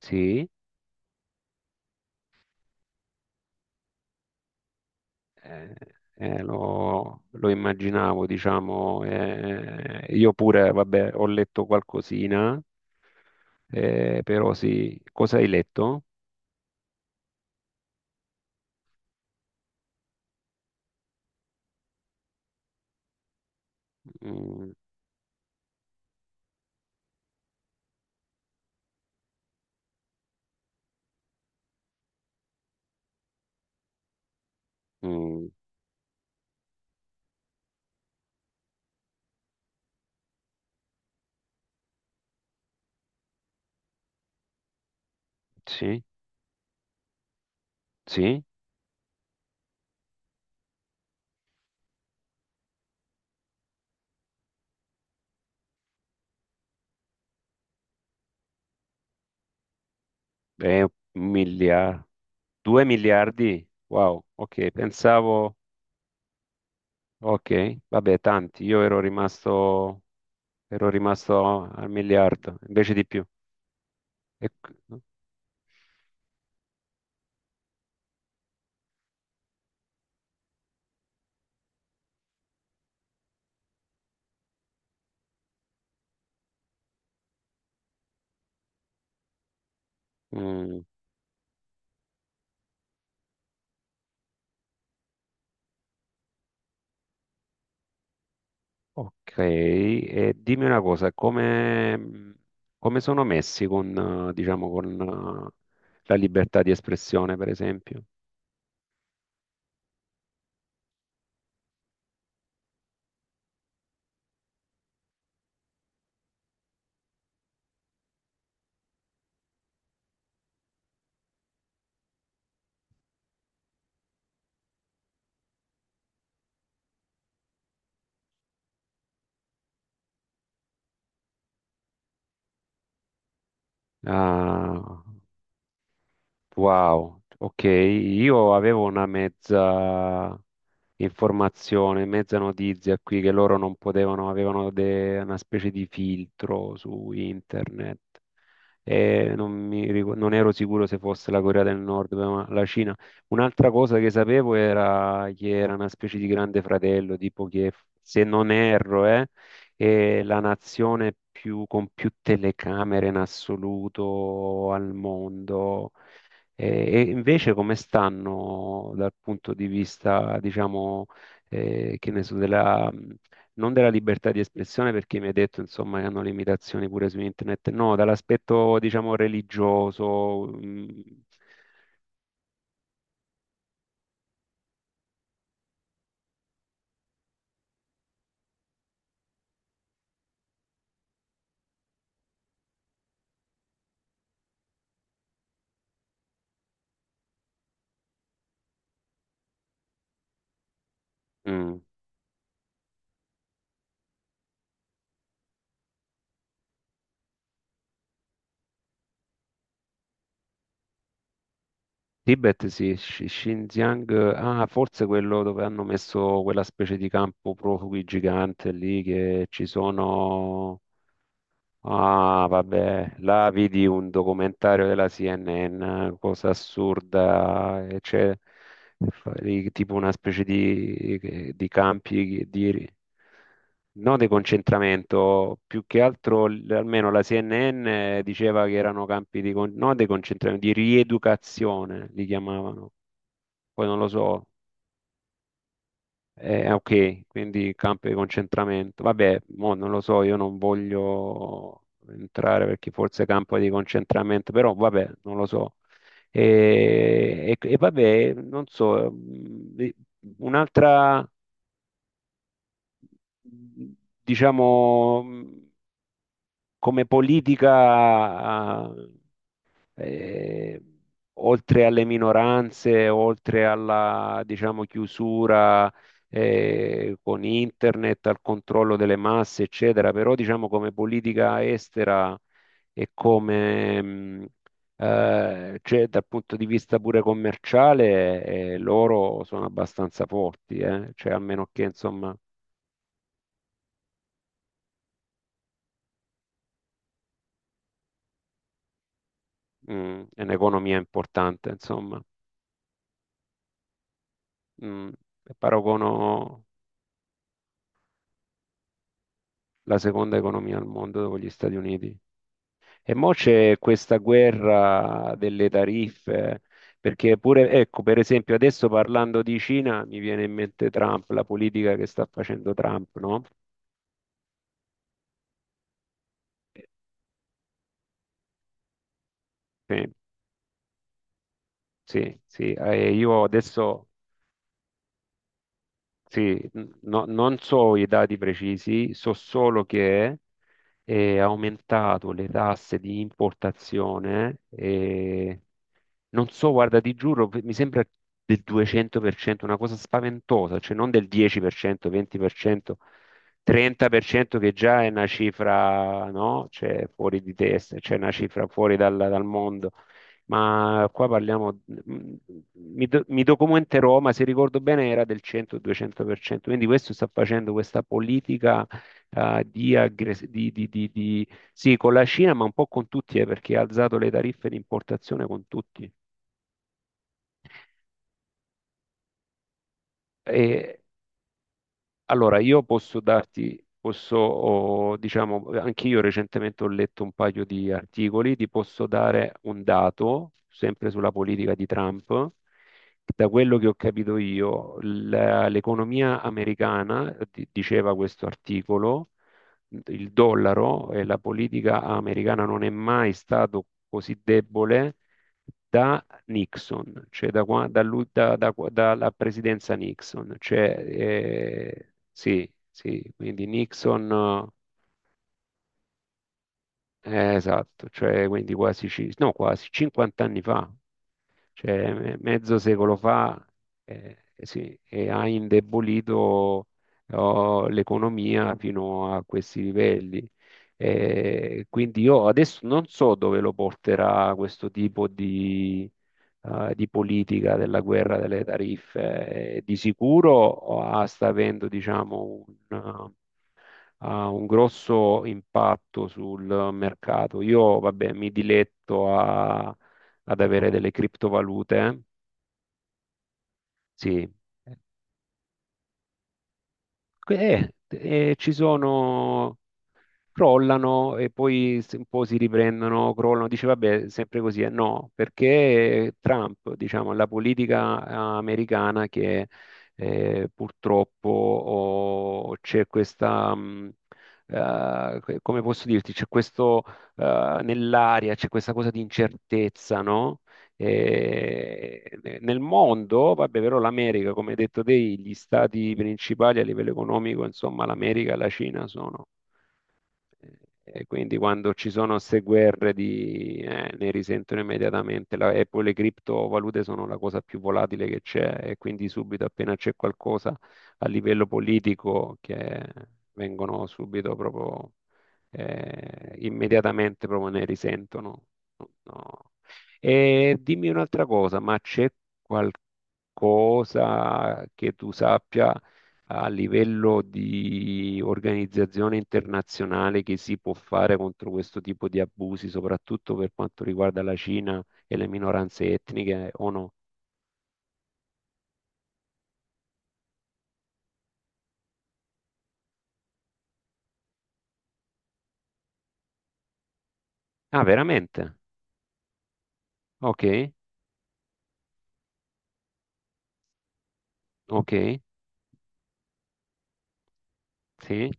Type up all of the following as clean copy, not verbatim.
Sì, eh, lo immaginavo, diciamo. Io pure, vabbè, ho letto qualcosina, però sì. Cosa hai letto? Mm, mm, sì, sì, eh, un miliardo, due miliardi? Wow, ok, pensavo, ok, vabbè, tanti. Io ero rimasto al miliardo, invece di più. E- mm, Ok, e dimmi una cosa, come sono messi con, diciamo, con la libertà di espressione, per esempio? Ah, wow, ok, io avevo una mezza informazione, mezza notizia qui che loro non potevano, avevano una specie di filtro su internet. E non, non ero sicuro se fosse la Corea del Nord, ma la Cina. Un'altra cosa che sapevo era che era una specie di grande fratello, tipo che se non erro, è la nazione più, con più telecamere in assoluto al mondo. E invece come stanno dal punto di vista, diciamo, che ne so, non della libertà di espressione, perché mi hai detto, insomma, che hanno limitazioni pure su internet, no, dall'aspetto, diciamo, religioso. Mm. Tibet, sì, Xinjiang, ah, forse quello dove hanno messo quella specie di campo profughi gigante lì che ci sono. Ah, vabbè, là vidi un documentario della CNN, cosa assurda, e tipo una specie di campi di, non di concentramento, più che altro, almeno la CNN diceva che erano campi di, non di concentramento, di rieducazione, li chiamavano, poi non lo so, ok, quindi campo di concentramento. Vabbè, mo non lo so, io non voglio entrare perché forse campo di concentramento, però vabbè, non lo so. Vabbè, non so, un'altra, mh, diciamo, come politica ah, eh, oltre alle minoranze, diciamo, chiusura con internet, al controllo delle masse, eccetera, però diciamo come politica estera e come cioè, dal punto di vista pure commerciale, loro sono abbastanza forti, eh? Cioè, a meno che insomma, è un'economia importante, insomma, mh, paragono la seconda economia al mondo dopo gli Stati Uniti. E mo c'è questa guerra delle tariffe, perché pure, ecco, per esempio, adesso parlando di Cina mi viene in mente Trump, la politica che sta facendo Trump, no? Sì, sì, sì. Io adesso sì, non so i dati precisi, so solo che e ha aumentato le tasse di importazione e non so, guarda, ti giuro, mi sembra del 200%, una cosa spaventosa, cioè non del 10%, 20%, 30% che già è una cifra, no? Cioè fuori di testa, cioè una cifra fuori dal mondo. Ma qua parliamo, mm, mi documenterò, ma se ricordo bene era del 100-200%, quindi questo sta facendo questa politica di sì, con la Cina, ma un po' con tutti, perché ha alzato le tariffe di importazione con tutti. E allora io posso darti, posso, oh, diciamo, anche io recentemente ho letto un paio di articoli, ti posso dare un dato, sempre sulla politica di Trump. Da quello che ho capito io, l'economia americana, diceva questo articolo, il dollaro e la politica americana non è mai stato così debole da Nixon, cioè da qua- da lui- da- da- dalla presidenza Nixon. Cioè, sì, sì, quindi Nixon, esatto, cioè quindi quasi, no, quasi 50 anni fa. Cioè, mezzo secolo fa sì, e ha indebolito oh, l'economia fino a questi livelli. Quindi io adesso non so dove lo porterà questo tipo di politica della guerra delle tariffe. Di sicuro oh, ah, sta avendo, diciamo, ha un grosso impatto sul mercato. Io, vabbè, mi diletto ad avere delle criptovalute. Eh? Sì, eh, e ci sono crollano e poi un po' si riprendono, crollano, dice vabbè, sempre così, no, perché Trump, diciamo, la politica americana che purtroppo oh, c'è questa, come posso dirti, c'è questo nell'aria, c'è questa cosa di incertezza, no? E nel mondo, vabbè, però l'America, come hai detto te, gli stati principali a livello economico, insomma, l'America e la Cina sono. E quindi quando ci sono queste ne risentono immediatamente e poi le criptovalute sono la cosa più volatile che c'è e quindi subito appena c'è qualcosa a livello politico che vengono subito proprio immediatamente proprio ne risentono. No. E dimmi un'altra cosa, ma c'è qualcosa che tu sappia a livello di organizzazione internazionale che si può fare contro questo tipo di abusi, soprattutto per quanto riguarda la Cina e le minoranze etniche o no? Ah, veramente? Ok, ok, sì,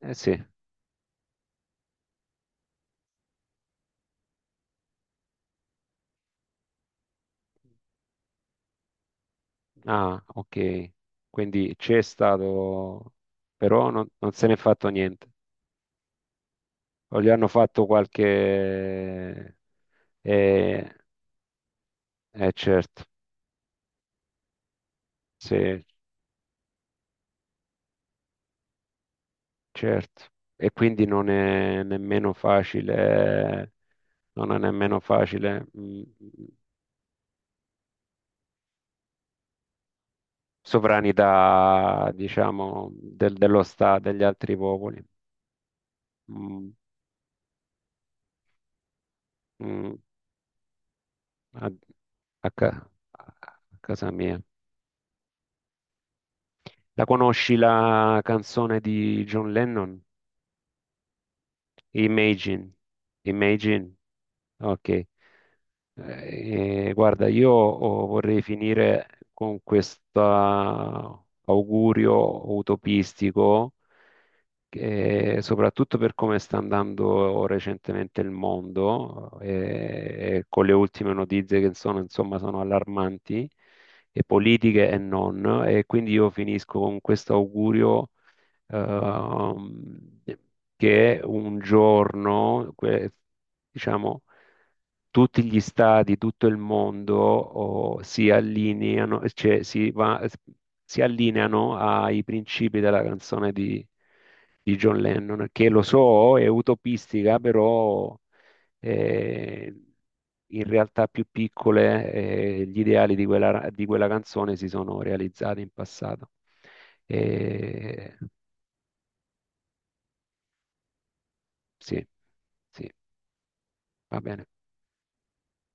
eh sì. Ah, ok. Quindi c'è stato, però non, non se n'è fatto niente. O gli hanno fatto qualche... Eh, certo, sì, certo, e quindi non è nemmeno facile, non è nemmeno facile mh, sovranità, diciamo, dello Stato, degli altri popoli. Mm, mm, a, a ca- a casa mia. La conosci la canzone di John Lennon? Imagine. Imagine. Ok. E guarda, io oh, vorrei finire con questo augurio utopistico, che soprattutto per come sta andando recentemente il mondo, e con le ultime notizie che sono, insomma, sono allarmanti, e politiche e non, e quindi io finisco con questo augurio ehm, che un giorno, diciamo, tutti gli stati, tutto il mondo oh, si allineano, cioè si allineano ai principi della canzone di John Lennon, che lo so, è utopistica, però eh, in realtà più piccole gli ideali di quella canzone si sono realizzati in passato. Eh, Sì, sì, va bene.